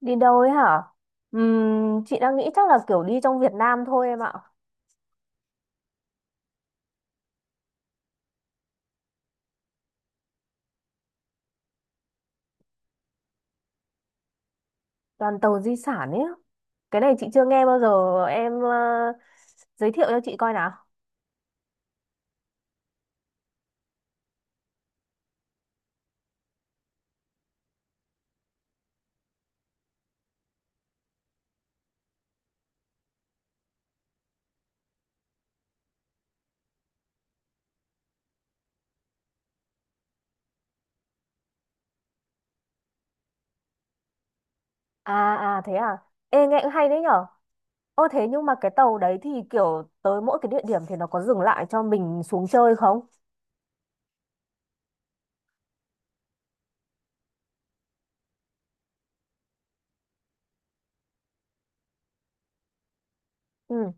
Đi đâu ấy hả? Chị đang nghĩ chắc là kiểu đi trong Việt Nam thôi em ạ. Đoàn tàu di sản ấy. Cái này chị chưa nghe bao giờ. Em giới thiệu cho chị coi nào. À à thế à. Ê nghe cũng hay đấy nhở. Ô thế nhưng mà cái tàu đấy thì kiểu tới mỗi cái địa điểm thì nó có dừng lại cho mình xuống chơi không? Ừ.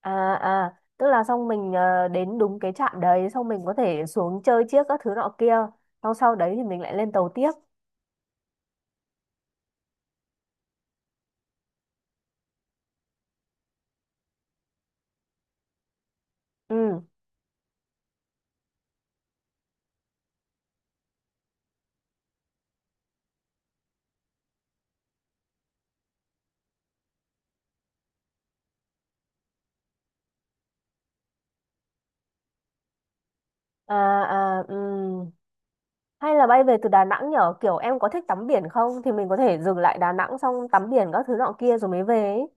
À à, tức là xong mình đến đúng cái trạm đấy xong mình có thể xuống chơi chiếc các thứ nọ kia. Xong sau đấy thì mình lại lên tàu tiếp. Ừ. À à ừ. Hay là bay về từ Đà Nẵng nhở? Kiểu em có thích tắm biển không? Thì mình có thể dừng lại Đà Nẵng xong tắm biển các thứ nọ kia rồi mới về ấy.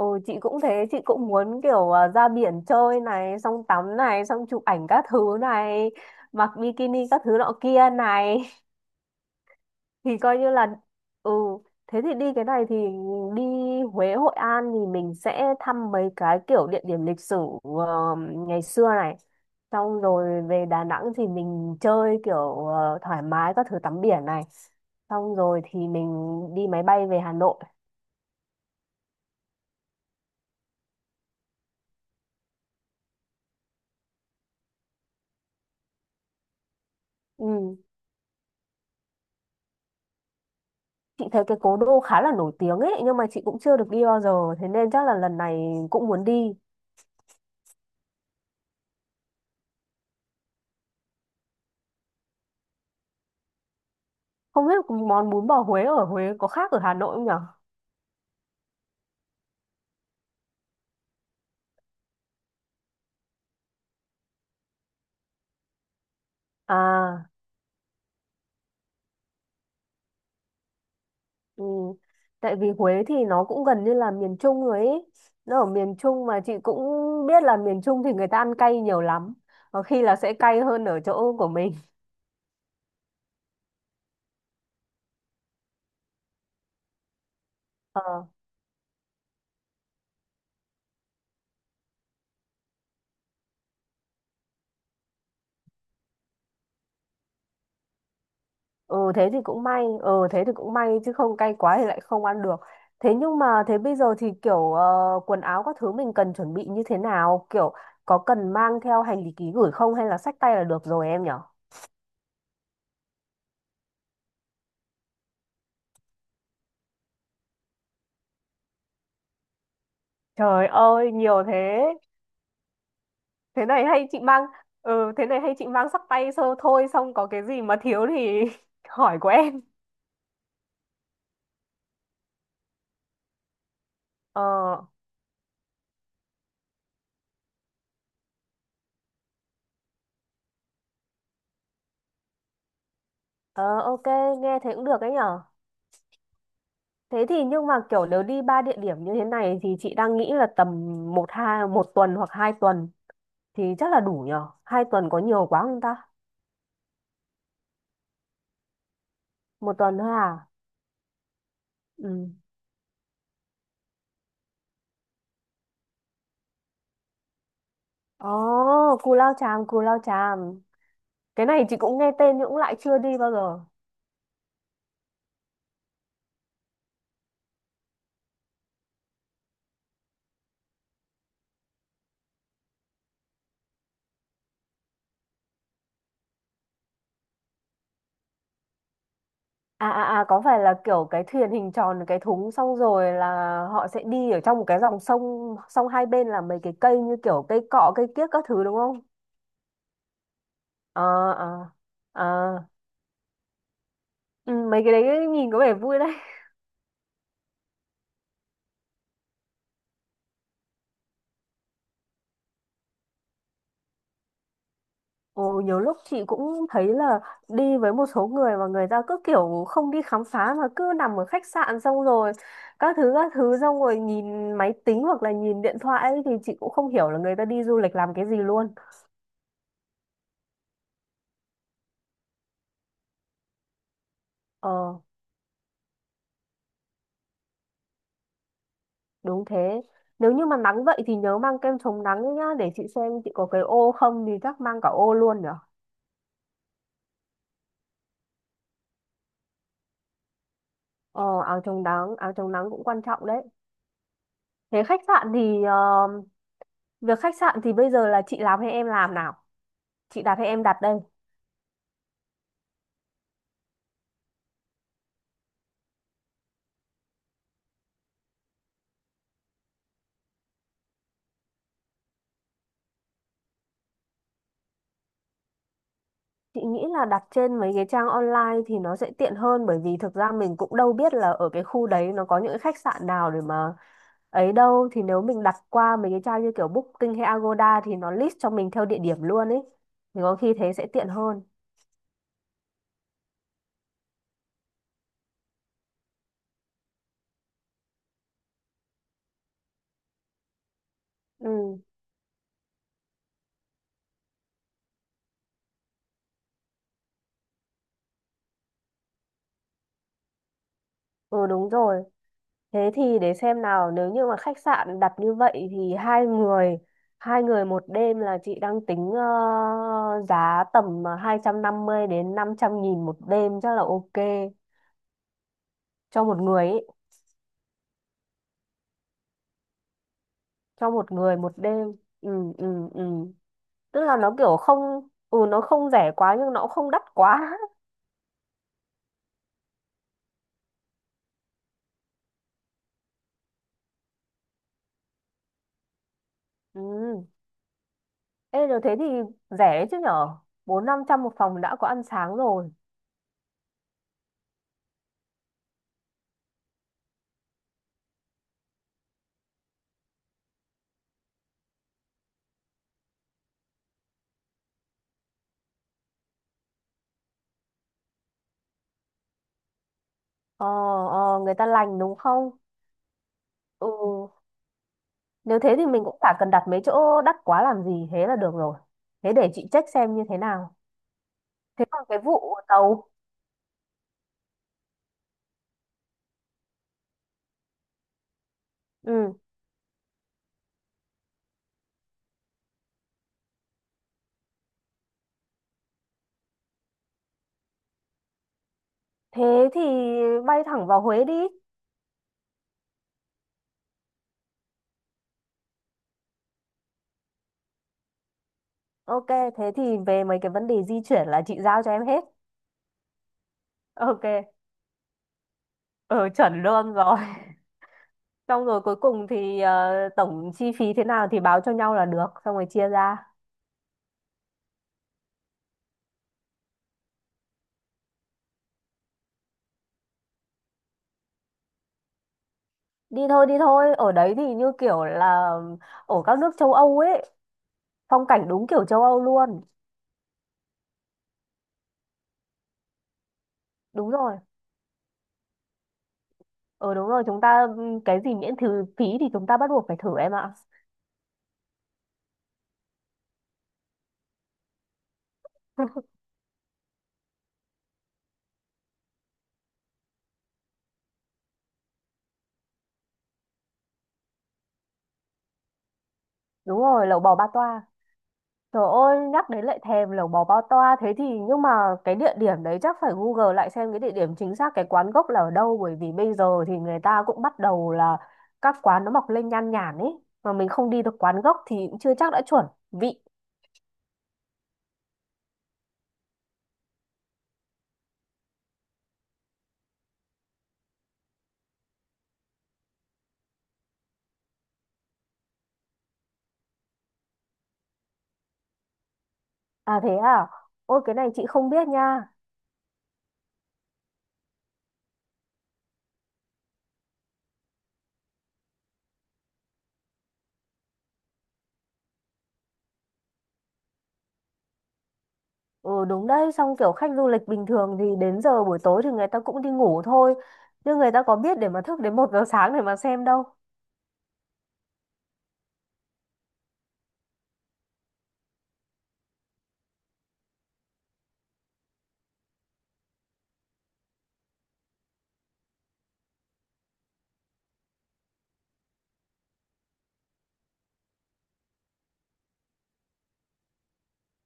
Ừ, chị cũng thế, chị cũng muốn kiểu ra biển chơi này, xong tắm này, xong chụp ảnh các thứ này, mặc bikini các thứ nọ kia này. Thì coi như là, ừ, thế thì đi cái này thì đi Huế Hội An thì mình sẽ thăm mấy cái kiểu địa điểm lịch sử ờ, ngày xưa này, xong rồi về Đà Nẵng thì mình chơi kiểu thoải mái các thứ tắm biển này, xong rồi thì mình đi máy bay về Hà Nội. Ừ. Chị thấy cái cố đô khá là nổi tiếng ấy nhưng mà chị cũng chưa được đi bao giờ thế nên chắc là lần này cũng muốn đi. Không biết món bún bò Huế ở Huế có khác ở Hà Nội không nhở. À. Ừ. Tại vì Huế thì nó cũng gần như là miền Trung rồi ấy. Nó ở miền Trung mà chị cũng biết là miền Trung thì người ta ăn cay nhiều lắm. Có khi là sẽ cay hơn ở chỗ của mình. Ờ, ừ thế thì cũng may. Ừ thế thì cũng may chứ không cay quá thì lại không ăn được. Thế nhưng mà thế bây giờ thì kiểu quần áo các thứ mình cần chuẩn bị như thế nào? Kiểu có cần mang theo hành lý ký gửi không hay là xách tay là được rồi em nhở? Trời ơi, nhiều thế. Thế này hay chị mang ừ Thế này hay chị mang sắc tay sơ thôi xong có cái gì mà thiếu thì hỏi của em. Ờ, ờ, ok, nghe thế cũng được ấy nhở. Thế thì nhưng mà kiểu nếu đi ba địa điểm như thế này thì chị đang nghĩ là tầm 1 tuần hoặc 2 tuần thì chắc là đủ nhở. 2 tuần có nhiều quá không ta? 1 tuần thôi à? Ừ. Ồ, Cù Lao Chàm, Cù Lao Chàm. Cái này chị cũng nghe tên nhưng cũng lại chưa đi bao giờ. À, à, à, có phải là kiểu cái thuyền hình tròn cái thúng xong rồi là họ sẽ đi ở trong một cái dòng sông sông hai bên là mấy cái cây như kiểu cây cọ cây kiếc các thứ đúng không? Ờ ờ ờ, ừ, mấy cái đấy nhìn có vẻ vui đấy. Ồ nhiều lúc chị cũng thấy là đi với một số người mà người ta cứ kiểu không đi khám phá mà cứ nằm ở khách sạn xong rồi các thứ xong rồi nhìn máy tính hoặc là nhìn điện thoại ấy, thì chị cũng không hiểu là người ta đi du lịch làm cái gì luôn. Ờ. Đúng thế. Nếu như mà nắng vậy thì nhớ mang kem chống nắng đấy nhá, để chị xem chị có cái ô không thì chắc mang cả ô luôn nhở. Ờ, áo chống nắng cũng quan trọng đấy. Thế khách sạn thì ờ, Việc khách sạn thì bây giờ là chị làm hay em làm nào? Chị đặt hay em đặt đây? Chị nghĩ là đặt trên mấy cái trang online thì nó sẽ tiện hơn bởi vì thực ra mình cũng đâu biết là ở cái khu đấy nó có những cái khách sạn nào để mà ấy đâu thì nếu mình đặt qua mấy cái trang như kiểu Booking hay Agoda thì nó list cho mình theo địa điểm luôn ấy. Thì có khi thế sẽ tiện hơn. Ừ, ừ đúng rồi. Thế thì để xem nào, nếu như mà khách sạn đặt như vậy thì hai người 1 đêm là chị đang tính giá tầm 250 đến 500.000 1 đêm chắc là ok cho một người ấy, cho một người 1 đêm. Ừ ừ ừ. Tức là nó kiểu không ừ nó không rẻ quá nhưng nó cũng không đắt quá. Ừ. Ê rồi thế thì rẻ đấy chứ nhở? Bốn năm trăm một phòng đã có ăn sáng rồi. Ờ, ờ, người ta lành đúng không? Ừ. Nếu thế thì mình cũng chả cần đặt mấy chỗ đắt quá làm gì, thế là được rồi. Thế để chị check xem như thế nào. Thế còn cái vụ tàu, ừ, thế thì bay thẳng vào Huế đi. Ok, thế thì về mấy cái vấn đề di chuyển là chị giao cho em hết. Ok, ừ, chuẩn luôn rồi. Xong rồi cuối cùng thì tổng chi phí thế nào thì báo cho nhau là được, xong rồi chia ra. Đi thôi, ở đấy thì như kiểu là ở các nước châu Âu ấy, phong cảnh đúng kiểu châu Âu luôn. Đúng rồi. Ờ đúng rồi, chúng ta cái gì miễn thử phí thì chúng ta bắt buộc phải thử em ạ. Đúng rồi, lẩu bò ba toa. Trời ơi, nhắc đến lại thèm lẩu bò ba toa thế thì nhưng mà cái địa điểm đấy chắc phải Google lại xem cái địa điểm chính xác cái quán gốc là ở đâu bởi vì bây giờ thì người ta cũng bắt đầu là các quán nó mọc lên nhan nhản ấy mà mình không đi được quán gốc thì cũng chưa chắc đã chuẩn vị. À thế à? Ôi cái này chị không biết nha. Ừ đúng đấy, xong kiểu khách du lịch bình thường thì đến giờ buổi tối thì người ta cũng đi ngủ thôi. Nhưng người ta có biết để mà thức đến 1 giờ sáng để mà xem đâu.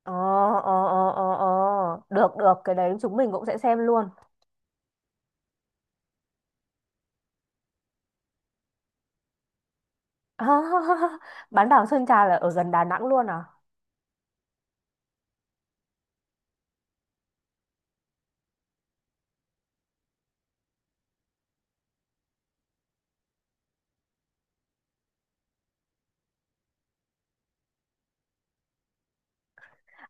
Ờ, ờ, ờ, ờ, ờ. Được, được, cái đấy chúng mình cũng sẽ xem luôn. Bán đảo Sơn Trà là ở gần Đà Nẵng luôn à?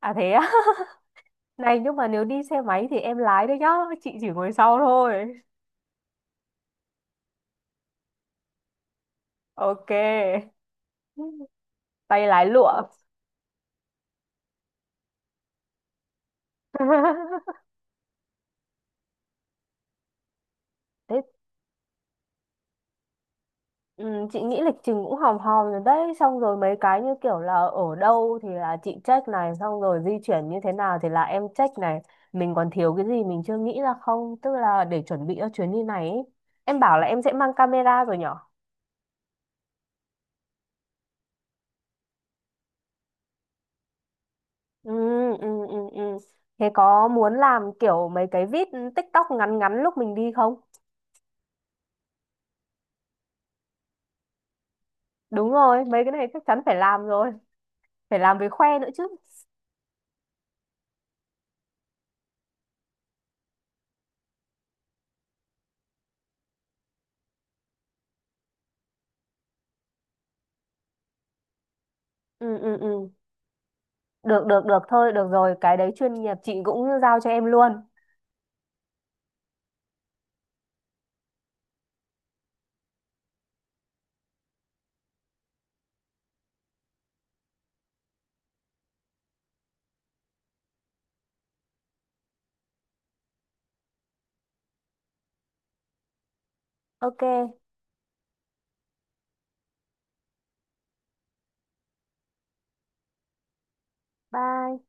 À thế á? Này nhưng mà nếu đi xe máy thì em lái đấy nhá, chị chỉ ngồi sau thôi. Ok, tay lái lụa. Thế. Ừ, chị nghĩ lịch trình cũng hòm hòm rồi đấy, xong rồi mấy cái như kiểu là ở đâu thì là chị check này, xong rồi di chuyển như thế nào thì là em check này, mình còn thiếu cái gì mình chưa nghĩ ra không tức là để chuẩn bị cho chuyến đi này ý. Em bảo là em sẽ mang camera rồi nhở. Ừ, ừ, ừ, ừ. Thế có muốn làm kiểu mấy cái vít TikTok ngắn ngắn lúc mình đi không? Đúng rồi, mấy cái này chắc chắn phải làm rồi, phải làm với khoe nữa chứ. Ừ, ừ, ừ. Được được được, thôi được rồi cái đấy chuyên nghiệp chị cũng giao cho em luôn. Ok. Bye.